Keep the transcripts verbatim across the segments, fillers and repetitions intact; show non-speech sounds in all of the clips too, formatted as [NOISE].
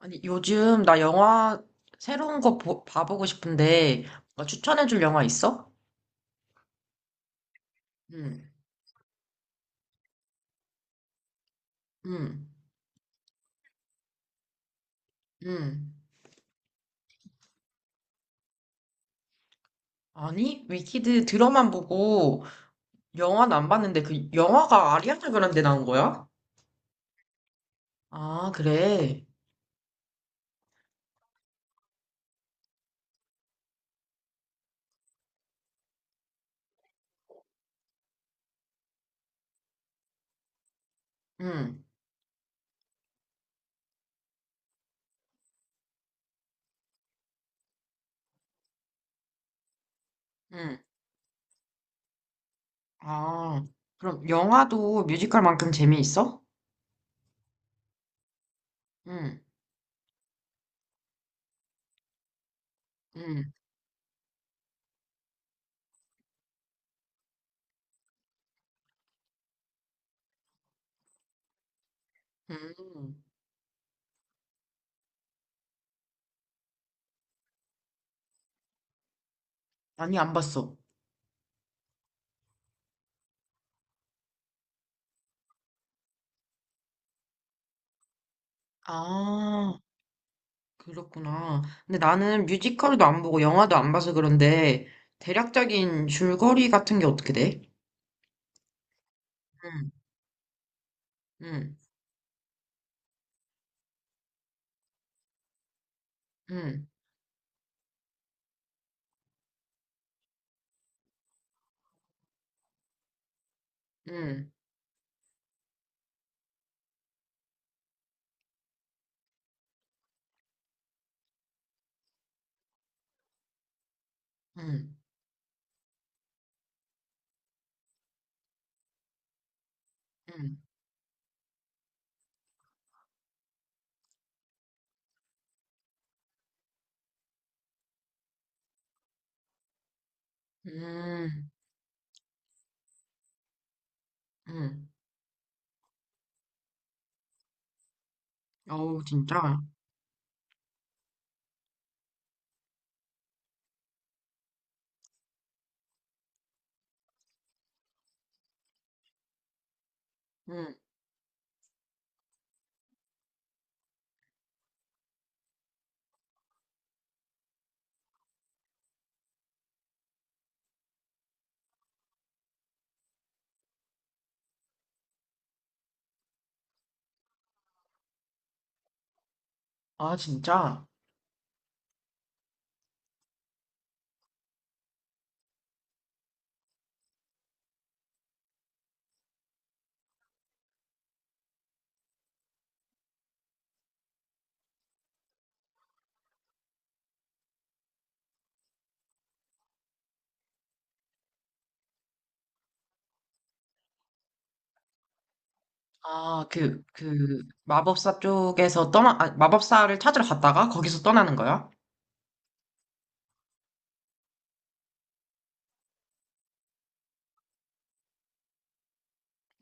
아니, 요즘 나 영화 새로운 거 보- 봐보고 싶은데, 뭔가 추천해줄 영화 있어? 응, 응, 응. 아니, 위키드 드라만 보고 영화는 안 봤는데 그 영화가 아리아나 그란데 나온 거야? 아, 그래. 응, 응. 아, 그럼 영화도 뮤지컬만큼 재미있어? 응, 응, 응. 아니, 안 봤어. 아, 그렇구나. 근데 나는 뮤지컬도 안 보고 영화도 안 봐서 그런데 대략적인 줄거리 같은 게 어떻게 돼? 응, 응, 응, 응, 응, 응, 응, 응. 어우, 진짜? 응. 아, 진짜? 아, 그, 그, 마법사 쪽에서 떠나, 아, 마법사를 찾으러 갔다가 거기서 떠나는 거야?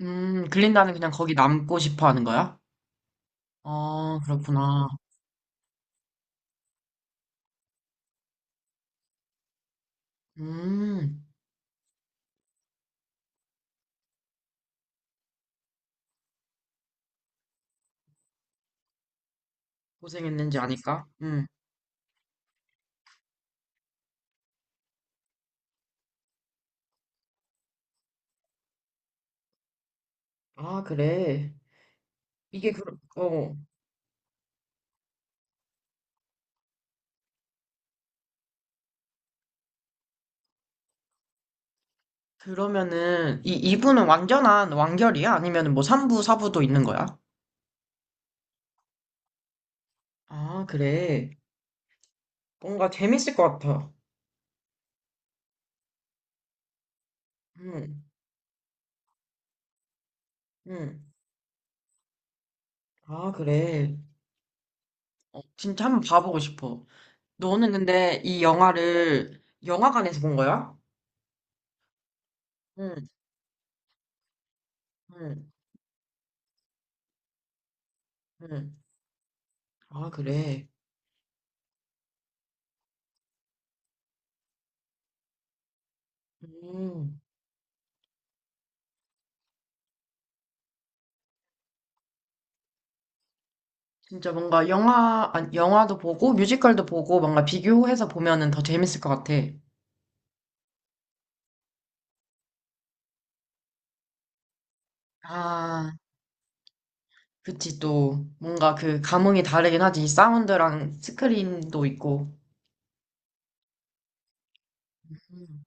음, 글린다는 그냥 거기 남고 싶어 하는 거야? 아, 그렇구나. 음, 고생했는지 아니까? 응. 아, 그래. 이게 그, 어. 그러면은 이 2부는 완전한 완결이야? 아니면 뭐 삼 부, 사 부도 있는 거야? 아, 그래. 뭔가 재밌을 것 같아. 응, 응. 아, 그래. 어, 진짜 한번 봐보고 싶어. 너는 근데 이 영화를 영화관에서 본 거야? 응, 응, 응. 아, 그래. 음, 진짜 뭔가 영화, 아니, 영화도 보고 뮤지컬도 보고 뭔가 비교해서 보면은 더 재밌을 것 같아. 아, 그치, 또, 뭔가 그 감흥이 다르긴 하지. 사운드랑 스크린도 있고. 음.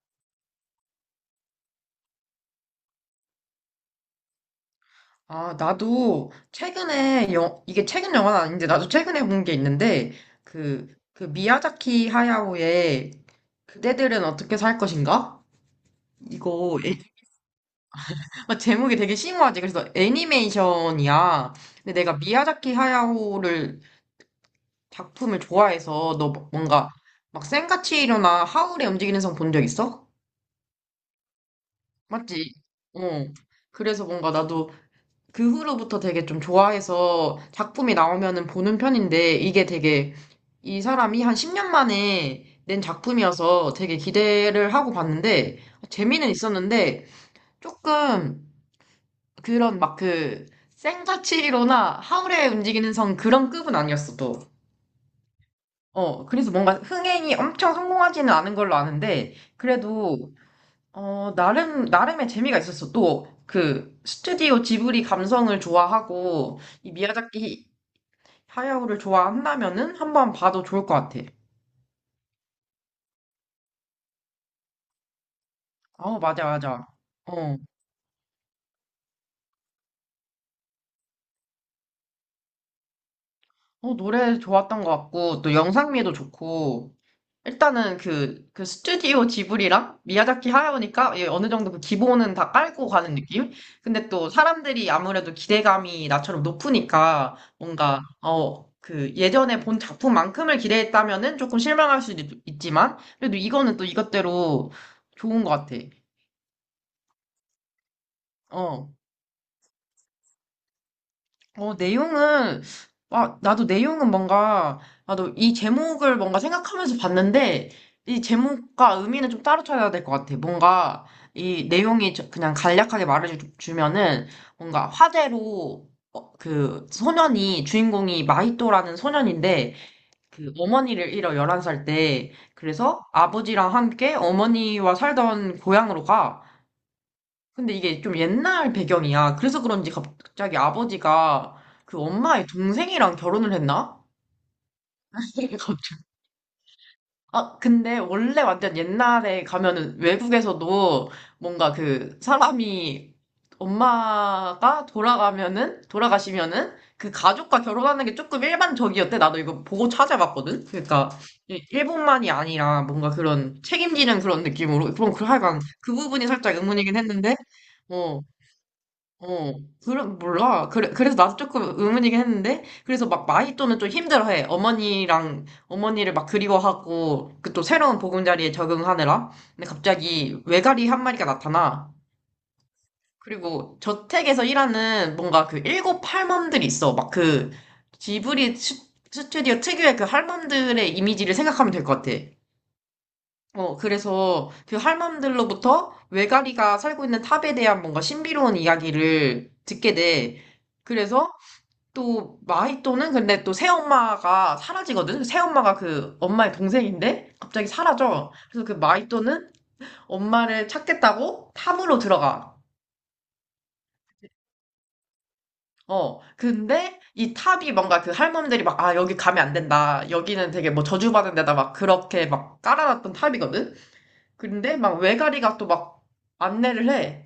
아, 나도 최근에, 영, 이게 최근 영화는 아닌데, 나도 최근에 본 게 있는데, 그, 그 미야자키 하야오의 그대들은 어떻게 살 것인가? 이거, 애- [LAUGHS] 제목이 되게 심오하지. 그래서 애니메이션이야. 근데 내가 미야자키 하야오를, 작품을 좋아해서, 너 뭐, 뭔가, 막 센과 치히로나 하울의 움직이는 성 본 적 있어? 맞지? 어. 그래서 뭔가 나도 그 후로부터 되게 좀 좋아해서 작품이 나오면은 보는 편인데 이게 되게 이 사람이 한 십 년 만에 낸 작품이어서 되게 기대를 하고 봤는데 재미는 있었는데 조금 그런 막 그 생자치로나 하울의 움직이는 성 그런 급은 아니었어 또. 어, 그래서 뭔가 흥행이 엄청 성공하지는 않은 걸로 아는데 그래도 어, 나름, 나름의 재미가 있었어. 또, 그, 스튜디오 지브리 감성을 좋아하고, 이 미야자키 하야오를 좋아한다면은 한번 봐도 좋을 것 같아. 어, 맞아, 맞아. 어, 어, 노래 좋았던 것 같고, 또 영상미도 좋고, 일단은 그, 그 스튜디오 지브리랑 미야자키 하야오니까 예, 어느 정도 그 기본은 다 깔고 가는 느낌? 근데 또 사람들이 아무래도 기대감이 나처럼 높으니까 뭔가, 어, 그 예전에 본 작품만큼을 기대했다면은 조금 실망할 수도 있, 지만 그래도 이거는 또 이것대로 좋은 것 같아. 어. 어, 내용은, 아, 나도 내용은 뭔가, 나도 이 제목을 뭔가 생각하면서 봤는데, 이 제목과 의미는 좀 따로 찾아야 될 것 같아. 뭔가, 이 내용이 저- 그냥 간략하게 말해주면은, 뭔가 화제로, 어, 그, 소년이, 주인공이 마히토라는 소년인데, 그, 어머니를 잃어, 열한 살 때. 그래서 아버지랑 함께 어머니와 살던 고향으로 가. 근데 이게 좀 옛날 배경이야. 그래서 그런지 갑자기 아버지가 그 엄마의 동생이랑 결혼을 했나? [LAUGHS] 아, 근데 원래 완전 옛날에 가면은 외국에서도 뭔가 그 사람이 엄마가 돌아가면은, 돌아가시면은 그 가족과 결혼하는 게 조금 일반적이었대. 나도 이거 보고 찾아봤거든. 그러니까 이- 일본만이 아니라 뭔가 그런 책임지는 그런 느낌으로. 그럼 그 하여간 그 부분이 살짝 의문이긴 했는데, 어, 어, 그래, 몰라. 그래, 그래서 나도 조금 의문이긴 했는데, 그래서 막 마히또는 좀 힘들어해. 어머니랑, 어머니를 막 그리워하고, 그 또 새로운 보금자리에 적응하느라. 근데 갑자기 외가리 한 마리가 나타나. 그리고 저택에서 일하는 뭔가 그 일곱 할멈들이 있어. 막 그, 지브리 스- 스튜디오 특유의 그 할멈들의 이미지를 생각하면 될 것 같아. 어, 그래서 그 할멈들로부터 외가리가 살고 있는 탑에 대한 뭔가 신비로운 이야기를 듣게 돼. 그래서 또 마히또는 근데 또 새엄마가 사라지거든? 새엄마가 그 엄마의 동생인데 갑자기 사라져. 그래서 그 마히또는 엄마를 찾겠다고 탑으로 들어가. 어, 근데 이 탑이 뭔가 그 할멈들이 막, 아, 여기 가면 안 된다. 여기는 되게 뭐 저주받은 데다 막 그렇게 막 깔아놨던 탑이거든? 근데 막 외가리가 또 막 안내를 해.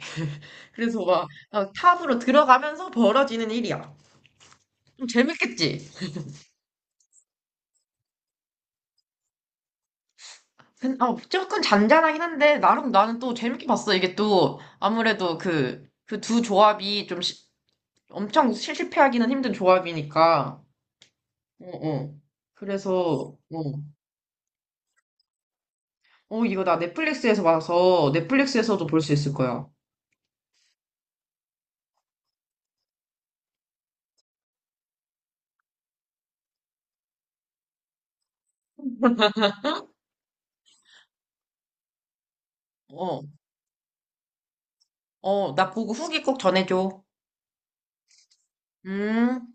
그래서 막 어, 탑으로 들어가면서 벌어지는 일이야. 좀 재밌겠지? 근- 어, 조금 잔잔하긴 한데 나름 나는 또 재밌게 봤어. 이게 또 아무래도 그 그 두 조합이 좀 시- 엄청 실- 실패하기는 힘든 조합이니까. 어, 어. 그래서 어, 어 이거 나 넷플릭스에서 봐서 넷플릭스에서도 볼 수 있을 거야. 어, 어, 나 보고 후기 꼭 전해줘. 음.